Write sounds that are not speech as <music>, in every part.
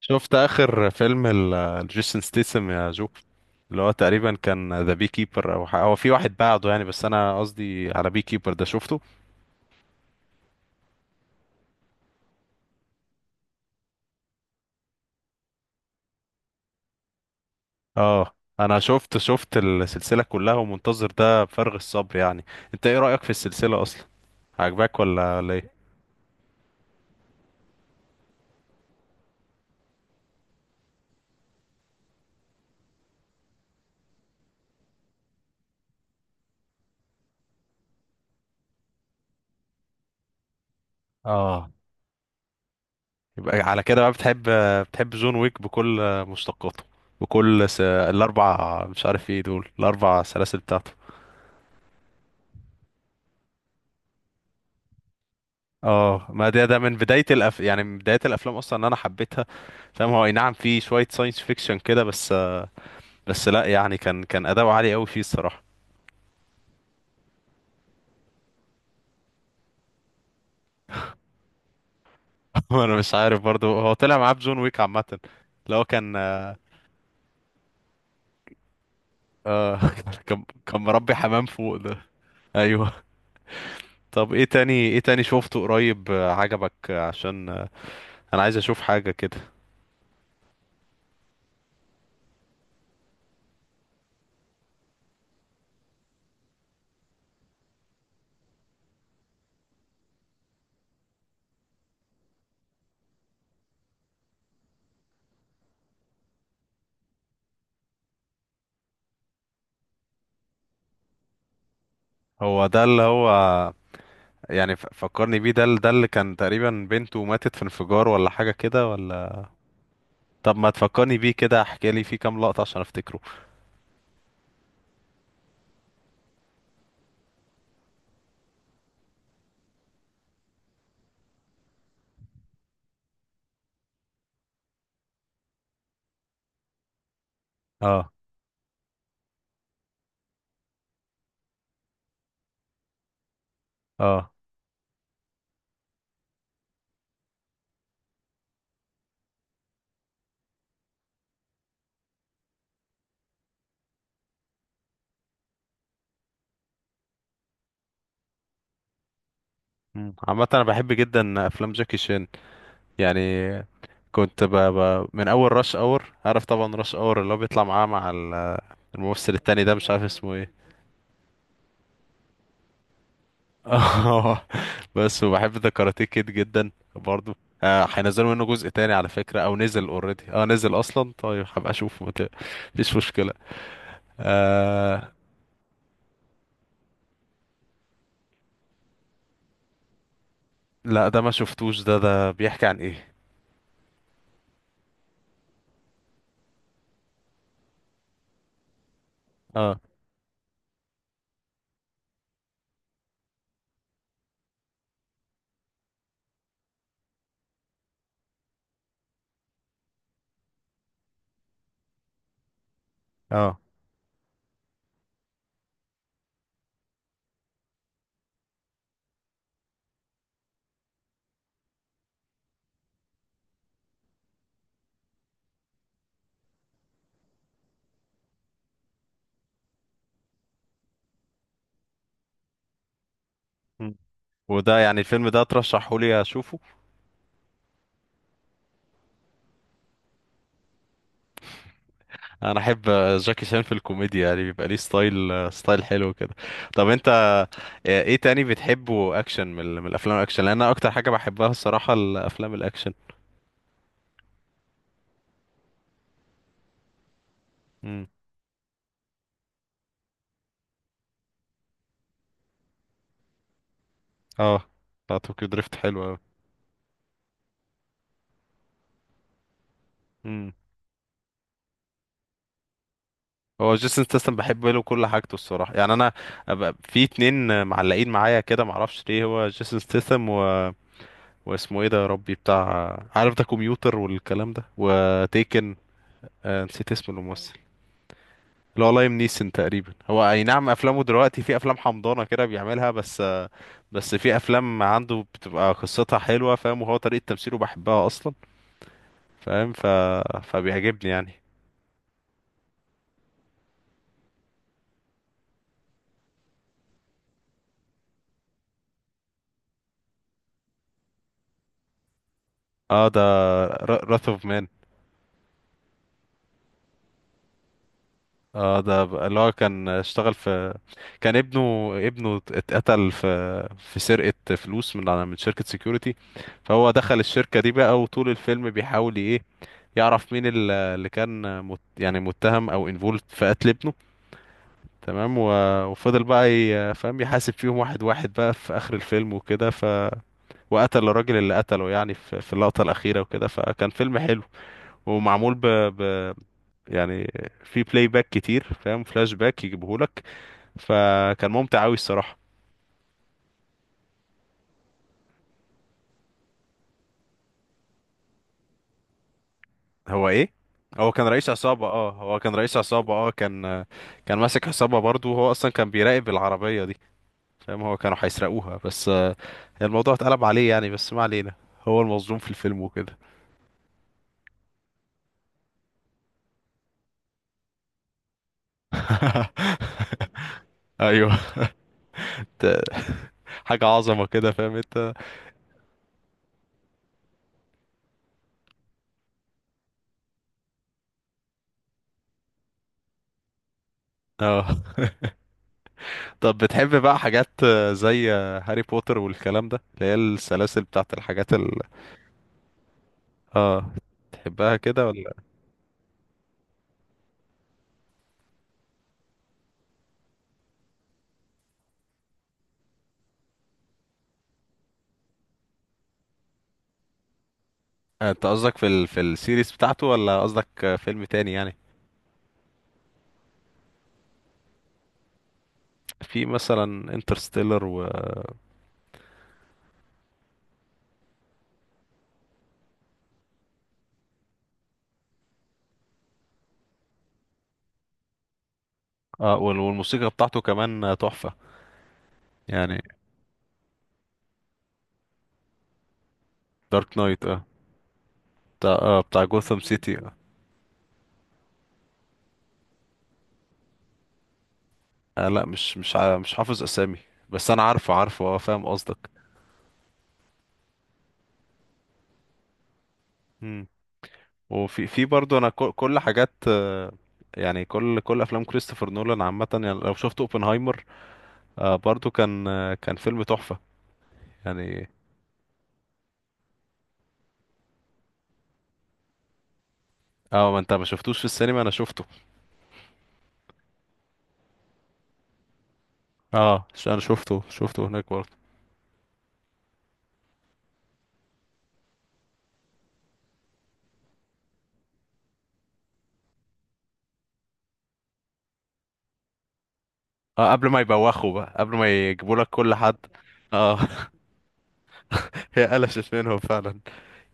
شفت اخر فيلم لجيسون ستيسم يا جو، اللي هو تقريبا كان ذا بي كيبر، او هو في واحد بعده يعني، بس انا قصدي على بي كيبر ده شفته. اه. انا شفت السلسله كلها، ومنتظر ده بفارغ الصبر يعني. انت ايه رايك في السلسله اصلا؟ عجباك ولا ايه؟ اه، يبقى على كده بقى بتحب جون ويك بكل مشتقاته، الاربع، مش عارف ايه دول، الاربع سلاسل بتاعته. اه، ما ده من يعني من بداية الأفلام أصلا إن أنا حبيتها، فاهم، هو أي نعم في شوية ساينس فيكشن كده بس، بس لأ يعني كان أداؤه عالي أوي فيه الصراحة. <laughs> وأنا مش عارف برضه هو طلع معاه بجون ويك عامة، اللي هو كان. آه، <laughs> كان مربي حمام فوق ده. أيوه. طب إيه تاني، إيه تاني شوفته قريب، عجبك، آه، عشان آه، أنا عايز أشوف حاجة كده. هو ده اللي هو، يعني فكرني بيه ده، ده اللي كان تقريبا بنته ماتت في انفجار، ولا حاجة كده ولا؟ طب ما تفكرني بيه كده، احكي لي فيه كام لقطة عشان افتكره. اه، اه. عامة انا بحب جدا افلام جاكي شان، يعني كنت من اول راش اور، عارف طبعا راش اور اللي هو بيطلع معاه مع الممثل التاني ده، مش عارف اسمه ايه. <laughs> اه. بس وبحب ذا كاراتيه كيد جدا برضو. هينزلوا منه جزء تاني على فكرة، او نزل اوريدي؟ اه، نزل اصلا، طيب هبقى اشوفه، مفيش مشكلة. آه... لا ده ما شفتوش، ده بيحكي عن ايه؟ اه، اه. وده يعني الفيلم ده ترشحه لي اشوفه؟ انا احب جاكي شان في الكوميديا، يعني بيبقى ليه ستايل، ستايل حلو كده. طب انت، ايه تاني بتحبه اكشن من من الافلام الاكشن؟ لان انا اكتر حاجه بحبها الصراحه الافلام الاكشن. امم. اه، بتاع طوكيو دريفت حلو قوي. امم. هو جيسون ستاثام بحب له كل حاجته الصراحه، يعني انا أبقى في اتنين معلقين معايا كده، معرفش ليه، هو جيسون ستاثام و... واسمه ايه ده يا ربي؟ بتاع، عارف، ده كمبيوتر والكلام ده، وتيكن. نسيت اسم الممثل، اللي هو لايم نيسون تقريبا. هو اي نعم افلامه دلوقتي في افلام حمضانه كده بيعملها بس، بس في افلام عنده بتبقى قصتها حلوه، فاهم، وهو طريقه تمثيله بحبها اصلا، فاهم، فبيعجبني يعني. اه، ده راث اوف مان. اه، ده اللي هو كان اشتغل في، كان ابنه اتقتل في سرقه فلوس من شركه سيكوريتي، فهو دخل الشركه دي بقى، وطول الفيلم بيحاول ايه، يعرف مين اللي كان يعني متهم او انفولد في قتل ابنه، تمام، و... وفضل بقى فاهم يحاسب فيهم واحد واحد بقى في آخر الفيلم وكده، وقتل الراجل اللي قتله يعني، في اللقطة الأخيرة وكده، فكان فيلم حلو، ومعمول ب... يعني في بلاي باك كتير، فاهم، فلاش باك يجيبهولك، فكان ممتع أوي الصراحة. هو إيه؟ هو كان رئيس عصابة، اه، هو كان رئيس عصابة، اه، كان ماسك عصابة برضه، وهو أصلا كان بيراقب العربية دي، فاهم، هو كانوا هيسرقوها بس، الموضوع اتقلب عليه يعني، بس ما علينا، هو المظلوم في الفيلم وكده. <laughs> ايوه. ت- حاجة عظمة كده، فاهم انت؟ اه، طب بتحب بقى حاجات، زي، هاري بوتر والكلام ده، اللي هي السلاسل بتاعت الحاجات ال… اه، تحبها كده ولا؟ انت قصدك في في السيريز بتاعته، ولا قصدك فيلم تاني يعني؟ في مثلا انترستيلر و... اه، وال- والموسيقى بتاعته كمان، تحفة يعني. دارك نايت، اه، بتاع، بتاع جوثام سيتي. لا، مش مش حافظ اسامي، بس انا عارفه عارفه، اه، فاهم قصدك. وفي برضه، انا كل حاجات، يعني كل افلام كريستوفر نولان عامه، يعني لو شفت اوبنهايمر، برضه كان، كان فيلم تحفه يعني. اه، ما انت ما شفتوش في السينما، انا شفته. اه، انا شفته هناك برضه. اه، قبل ما يبوخوا بقى، قبل ما يجيبوا لك كل حد. اه. <laughs> هي قلشت منهم فعلا،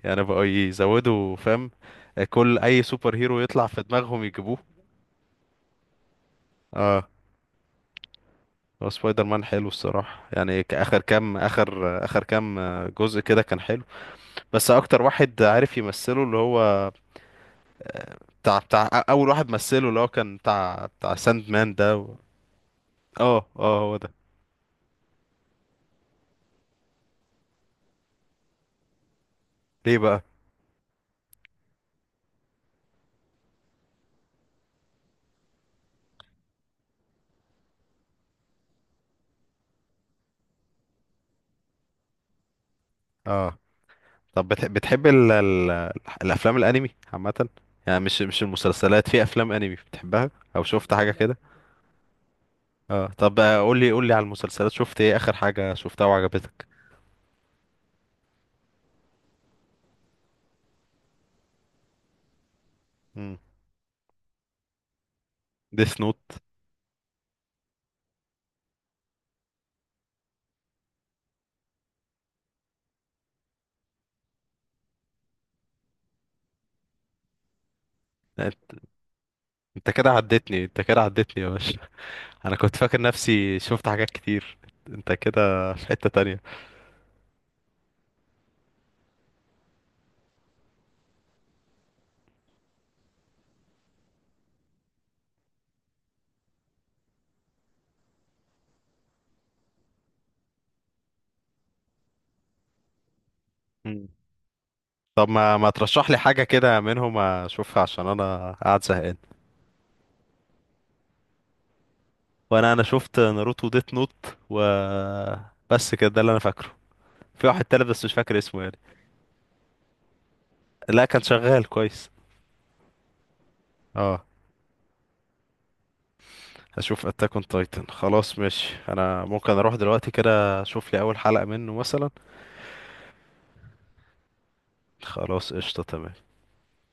يعني بقوا يزودوا، فاهم، كل اي سوبر هيرو يطلع في دماغهم يجيبوه. اه، هو سبايدر مان حلو الصراحه، يعني اخر كام اخر اخر كام، جزء كده كان حلو، بس اكتر واحد عارف يمثله اللي هو بتاع اول واحد مثله، اللي هو كان بتاع ساند مان ده و… اه، اه، هو ده. ليه بقى؟ اه، طب بتحب الافلام الانمي عامه؟ يعني مش المسلسلات، في افلام انمي بتحبها او شفت حاجه كده؟ اه، طب، قول لي على المسلسلات، شفت ايه اخر حاجه شفتها وعجبتك؟ امم. ديس نوت. انت كده عدتني، انت كده عدتني يا باشا، انا كنت فاكر نفسي شفت حاجات كتير، انت كده في حتة تانية. طب ما ترشح لي حاجة كده منهم اشوفها، عشان انا قاعد زهقان. وانا انا شفت ناروتو وديت نوت و… بس كده، ده اللي انا فاكره، في واحد تالت بس مش فاكر اسمه يعني. لا، كان شغال كويس. اه، هشوف اتاك اون تايتن، خلاص ماشي، انا ممكن اروح دلوقتي كده اشوف لي اول حلقة منه مثلا. خلاص قشطة تمام.